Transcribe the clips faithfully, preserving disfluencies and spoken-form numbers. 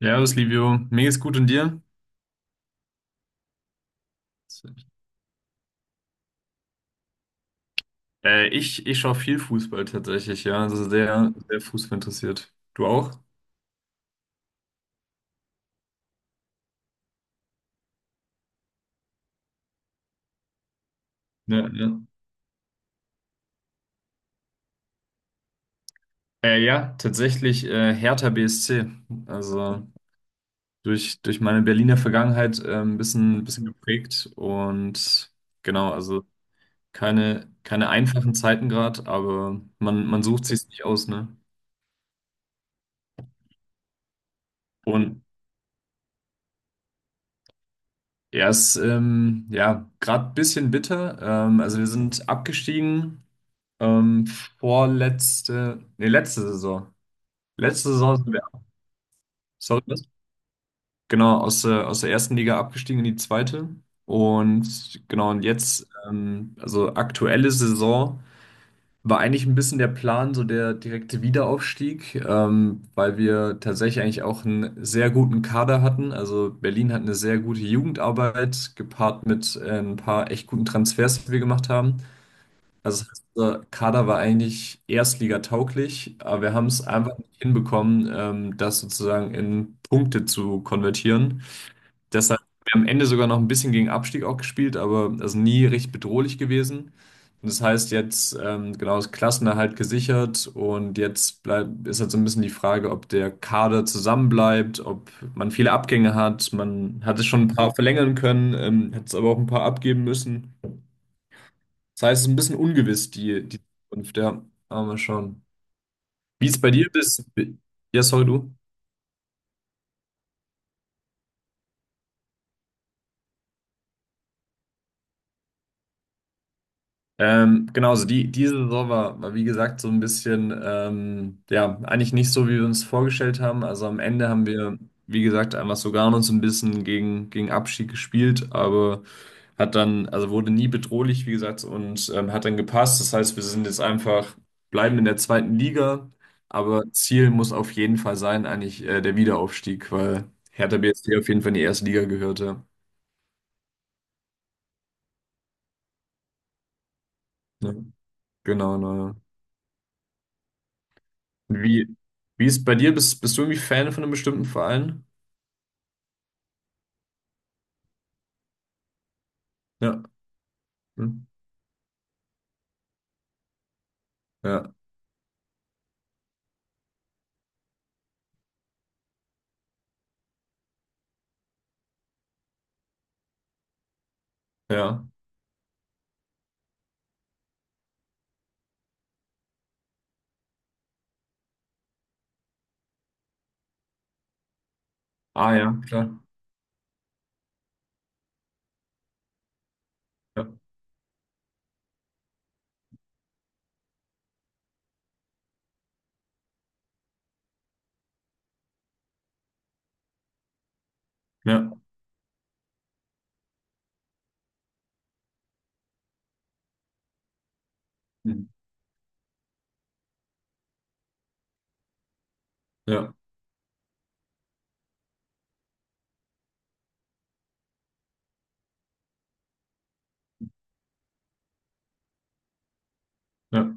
Servus, Livio. Mir geht's gut und dir? Äh, ich ich schaue viel Fußball tatsächlich, ja. Also sehr, sehr Fußball interessiert. Du auch? Ja, ja. Äh, ja, tatsächlich äh, Hertha BSC. Also durch, durch meine Berliner Vergangenheit äh, ein bisschen, ein bisschen geprägt. Und genau, also keine, keine einfachen Zeiten gerade, aber man, man sucht sich's nicht aus, ne? Und er ist ähm, ja gerade ein bisschen bitter. Ähm, also wir sind abgestiegen, Ähm, vorletzte, nee, letzte Saison. Letzte Saison sind wir, sorry, was? Genau, aus der, aus der ersten Liga abgestiegen in die zweite. Und genau, und jetzt, ähm, also aktuelle Saison, war eigentlich ein bisschen der Plan, so der direkte Wiederaufstieg, ähm, weil wir tatsächlich eigentlich auch einen sehr guten Kader hatten. Also Berlin hat eine sehr gute Jugendarbeit, gepaart mit äh, ein paar echt guten Transfers, die wir gemacht haben. Also das heißt, unser Kader war eigentlich erstligatauglich, aber wir haben es einfach nicht hinbekommen, ähm, das sozusagen in Punkte zu konvertieren. Deshalb haben wir am Ende sogar noch ein bisschen gegen Abstieg auch gespielt, aber also nie richtig bedrohlich gewesen. Und das heißt jetzt ähm, genau das Klassenerhalt gesichert und jetzt bleibt ist halt so ein bisschen die Frage, ob der Kader zusammenbleibt, ob man viele Abgänge hat. Man hat es schon ein paar verlängern können, ähm, hat es aber auch ein paar abgeben müssen. Das heißt, es ist ein bisschen ungewiss, die, die Zukunft, ja. Aber mal schauen. Wie es bei dir ist. Ja, sorry, du. Ähm, genau, also die, diese Saison war, war, wie gesagt, so ein bisschen, ähm, ja, eigentlich nicht so, wie wir uns vorgestellt haben. Also am Ende haben wir, wie gesagt, einfach sogar uns ein bisschen gegen, gegen Abschied gespielt, aber. Hat dann, also wurde nie bedrohlich, wie gesagt, und ähm, hat dann gepasst. Das heißt, wir sind jetzt einfach, bleiben in der zweiten Liga, aber Ziel muss auf jeden Fall sein, eigentlich äh, der Wiederaufstieg, weil Hertha BSC auf jeden Fall in die erste Liga gehörte. Ja. Ja, genau, naja. Wie, wie ist bei dir? Bist, bist du irgendwie Fan von einem bestimmten Verein? Ja. Hm. Ja, ja. Ah, ja, klar. Ja, ja, hm, ja, ja.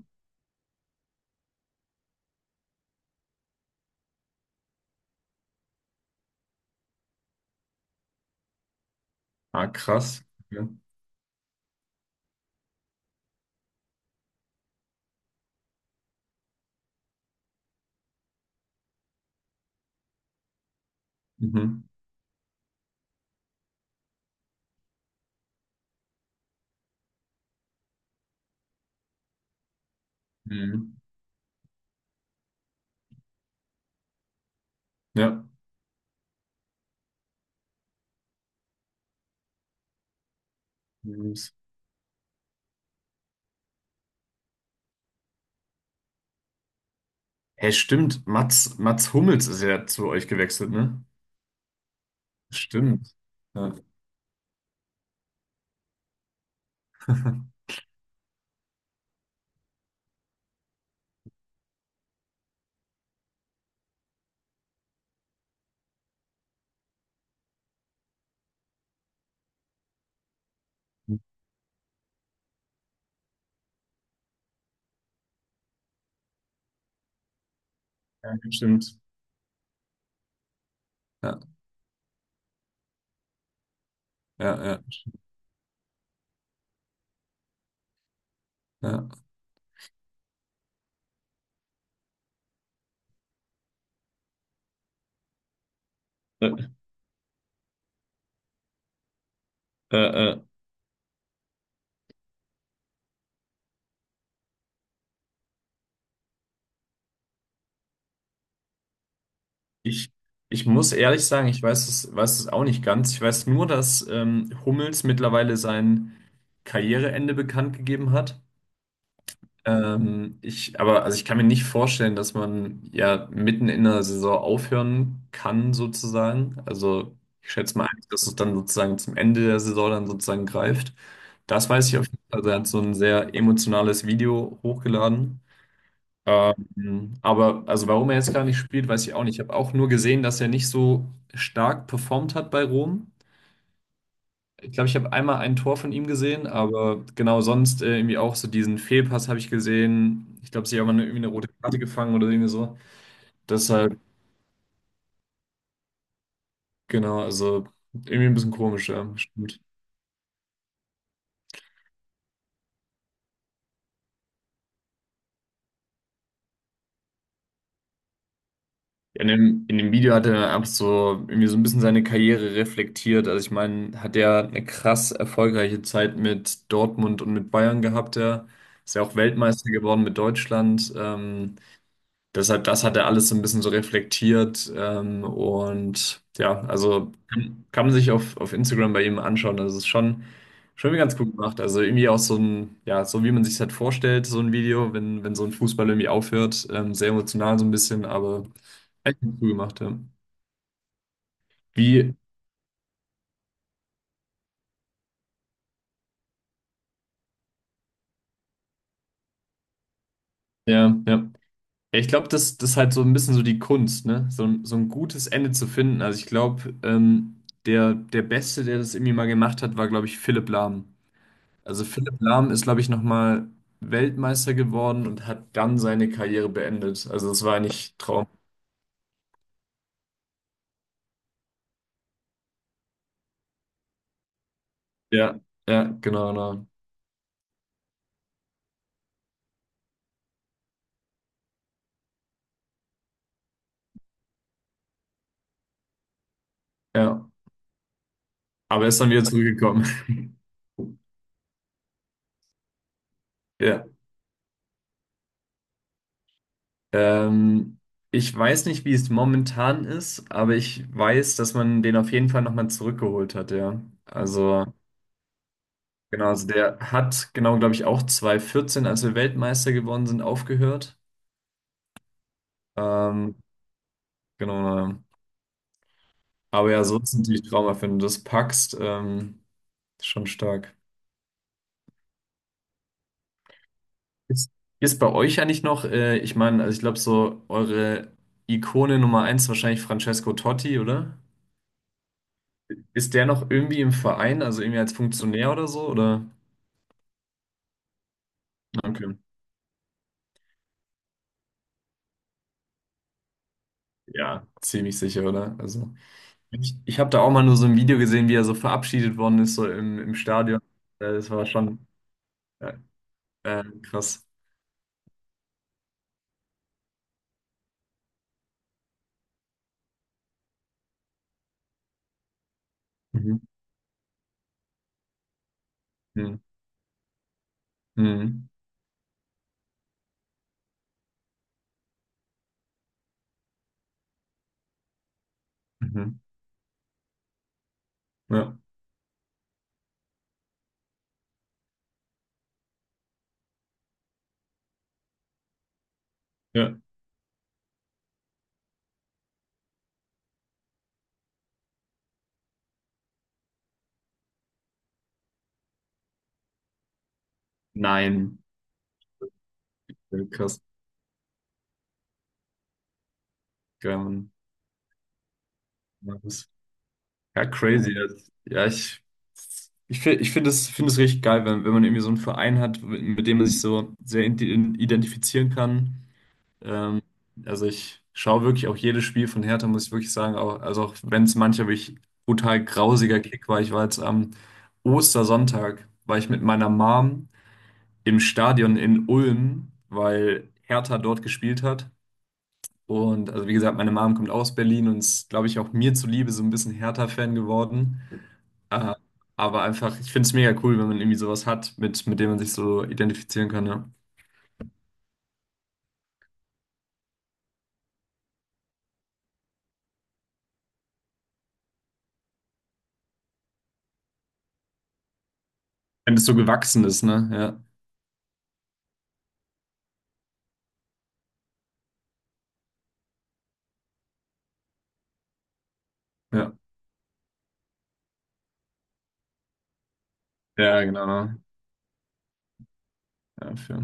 Ah, krass. Ja. Mhm. Mhm. Ja. Mhm. Hey, stimmt, Mats, Mats Hummels ist ja zu euch gewechselt, ne? Stimmt. Ja, ja stimmt. Ja, ja, ja, ja. Äh, äh, äh, ich, ich muss ehrlich sagen, ich weiß es, weiß es auch nicht ganz. Ich weiß nur, dass ähm, Hummels mittlerweile sein Karriereende bekannt gegeben hat. Ähm, ich, aber also ich kann mir nicht vorstellen, dass man ja mitten in der Saison aufhören kann, sozusagen. Also ich schätze mal, dass es dann sozusagen zum Ende der Saison dann sozusagen greift. Das weiß ich auf jeden Fall. Also er hat so ein sehr emotionales Video hochgeladen. Ähm, aber also warum er jetzt gar nicht spielt, weiß ich auch nicht. Ich habe auch nur gesehen, dass er nicht so stark performt hat bei Rom. Ich glaube, ich habe einmal ein Tor von ihm gesehen, aber genau sonst äh, irgendwie auch so diesen Fehlpass habe ich gesehen. Ich glaube, sie haben irgendwie eine rote Karte gefangen oder irgendwie so. Deshalb, genau, also irgendwie ein bisschen komisch, ja, stimmt. In dem, in dem Video hat er ab so irgendwie so ein bisschen seine Karriere reflektiert. Also ich meine, hat er eine krass erfolgreiche Zeit mit Dortmund und mit Bayern gehabt, ja. Ist ja auch Weltmeister geworden mit Deutschland. Ähm, Deshalb, das hat er alles so ein bisschen so reflektiert. Ähm, und ja, also kann kann man sich auf, auf Instagram bei ihm anschauen. Also es ist schon, schon ganz gut gemacht. Also irgendwie auch so ein, ja, so wie man sich halt vorstellt, so ein Video, wenn, wenn so ein Fußball irgendwie aufhört. Ähm, sehr emotional so ein bisschen, aber echt gut gemacht, ja. Wie, ja, ja. Ja, ich glaube, das, das ist halt so ein bisschen so die Kunst, ne? So, ein- so ein gutes Ende zu finden. Also ich glaube, ähm, der, der Beste, der das irgendwie mal gemacht hat, war, glaube ich, Philipp Lahm. Also Philipp Lahm ist, glaube ich, nochmal Weltmeister geworden und hat dann seine Karriere beendet. Also das war eigentlich Traum. Ja, ja, genau, genau. Ja. Aber er ist dann wieder zurückgekommen. Ja. Ähm, Ich weiß nicht, wie es momentan ist, aber ich weiß, dass man den auf jeden Fall nochmal zurückgeholt hat, ja. Also, genau, also der hat, genau, glaube ich, auch zwanzig vierzehn, als wir Weltmeister geworden sind, aufgehört. Ähm, genau, ja. Aber ja, so ist es natürlich Traum, wenn du das packst. Ähm, Schon stark. Ist, ist bei euch eigentlich noch, äh, ich meine, also ich glaube, so eure Ikone Nummer eins ist wahrscheinlich Francesco Totti, oder? Ist der noch irgendwie im Verein, also irgendwie als Funktionär oder so, oder? Okay. Ja, ziemlich sicher, oder? Also, ich, ich habe da auch mal nur so ein Video gesehen, wie er so verabschiedet worden ist, so im, im Stadion. Äh, Das war schon äh, äh, krass. Mhm. Mhm. Mhm. Mhm. Ja. Ja. Nein. Ja, krass. Geil, Mann. Ja, das- ja, crazy. Ja, ich, ich, fi- ich finde es, finde es richtig geil, wenn, wenn man irgendwie so einen Verein hat, mit dem man sich so sehr ident- identifizieren kann. Ähm, also ich schaue wirklich auch jedes Spiel von Hertha, muss ich wirklich sagen. Auch, also auch wenn es manchmal wirklich brutal grausiger Kick war. Ich war jetzt am Ostersonntag, war ich mit meiner Mom im Stadion in Ulm, weil Hertha dort gespielt hat. Und also wie gesagt, meine Mom kommt aus Berlin und ist, glaube ich, auch mir zuliebe so ein bisschen Hertha-Fan geworden. Äh, aber einfach, ich finde es mega cool, wenn man irgendwie sowas hat, mit, mit dem man sich so identifizieren kann, ja. Wenn das so gewachsen ist, ne? Ja, ja. Ja, genau. Ja, für,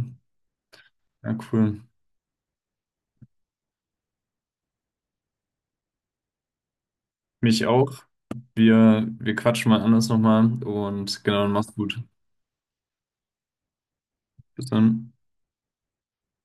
ja, cool. Mich auch. Wir, wir quatschen mal anders nochmal und genau, mach's gut. Bis dann.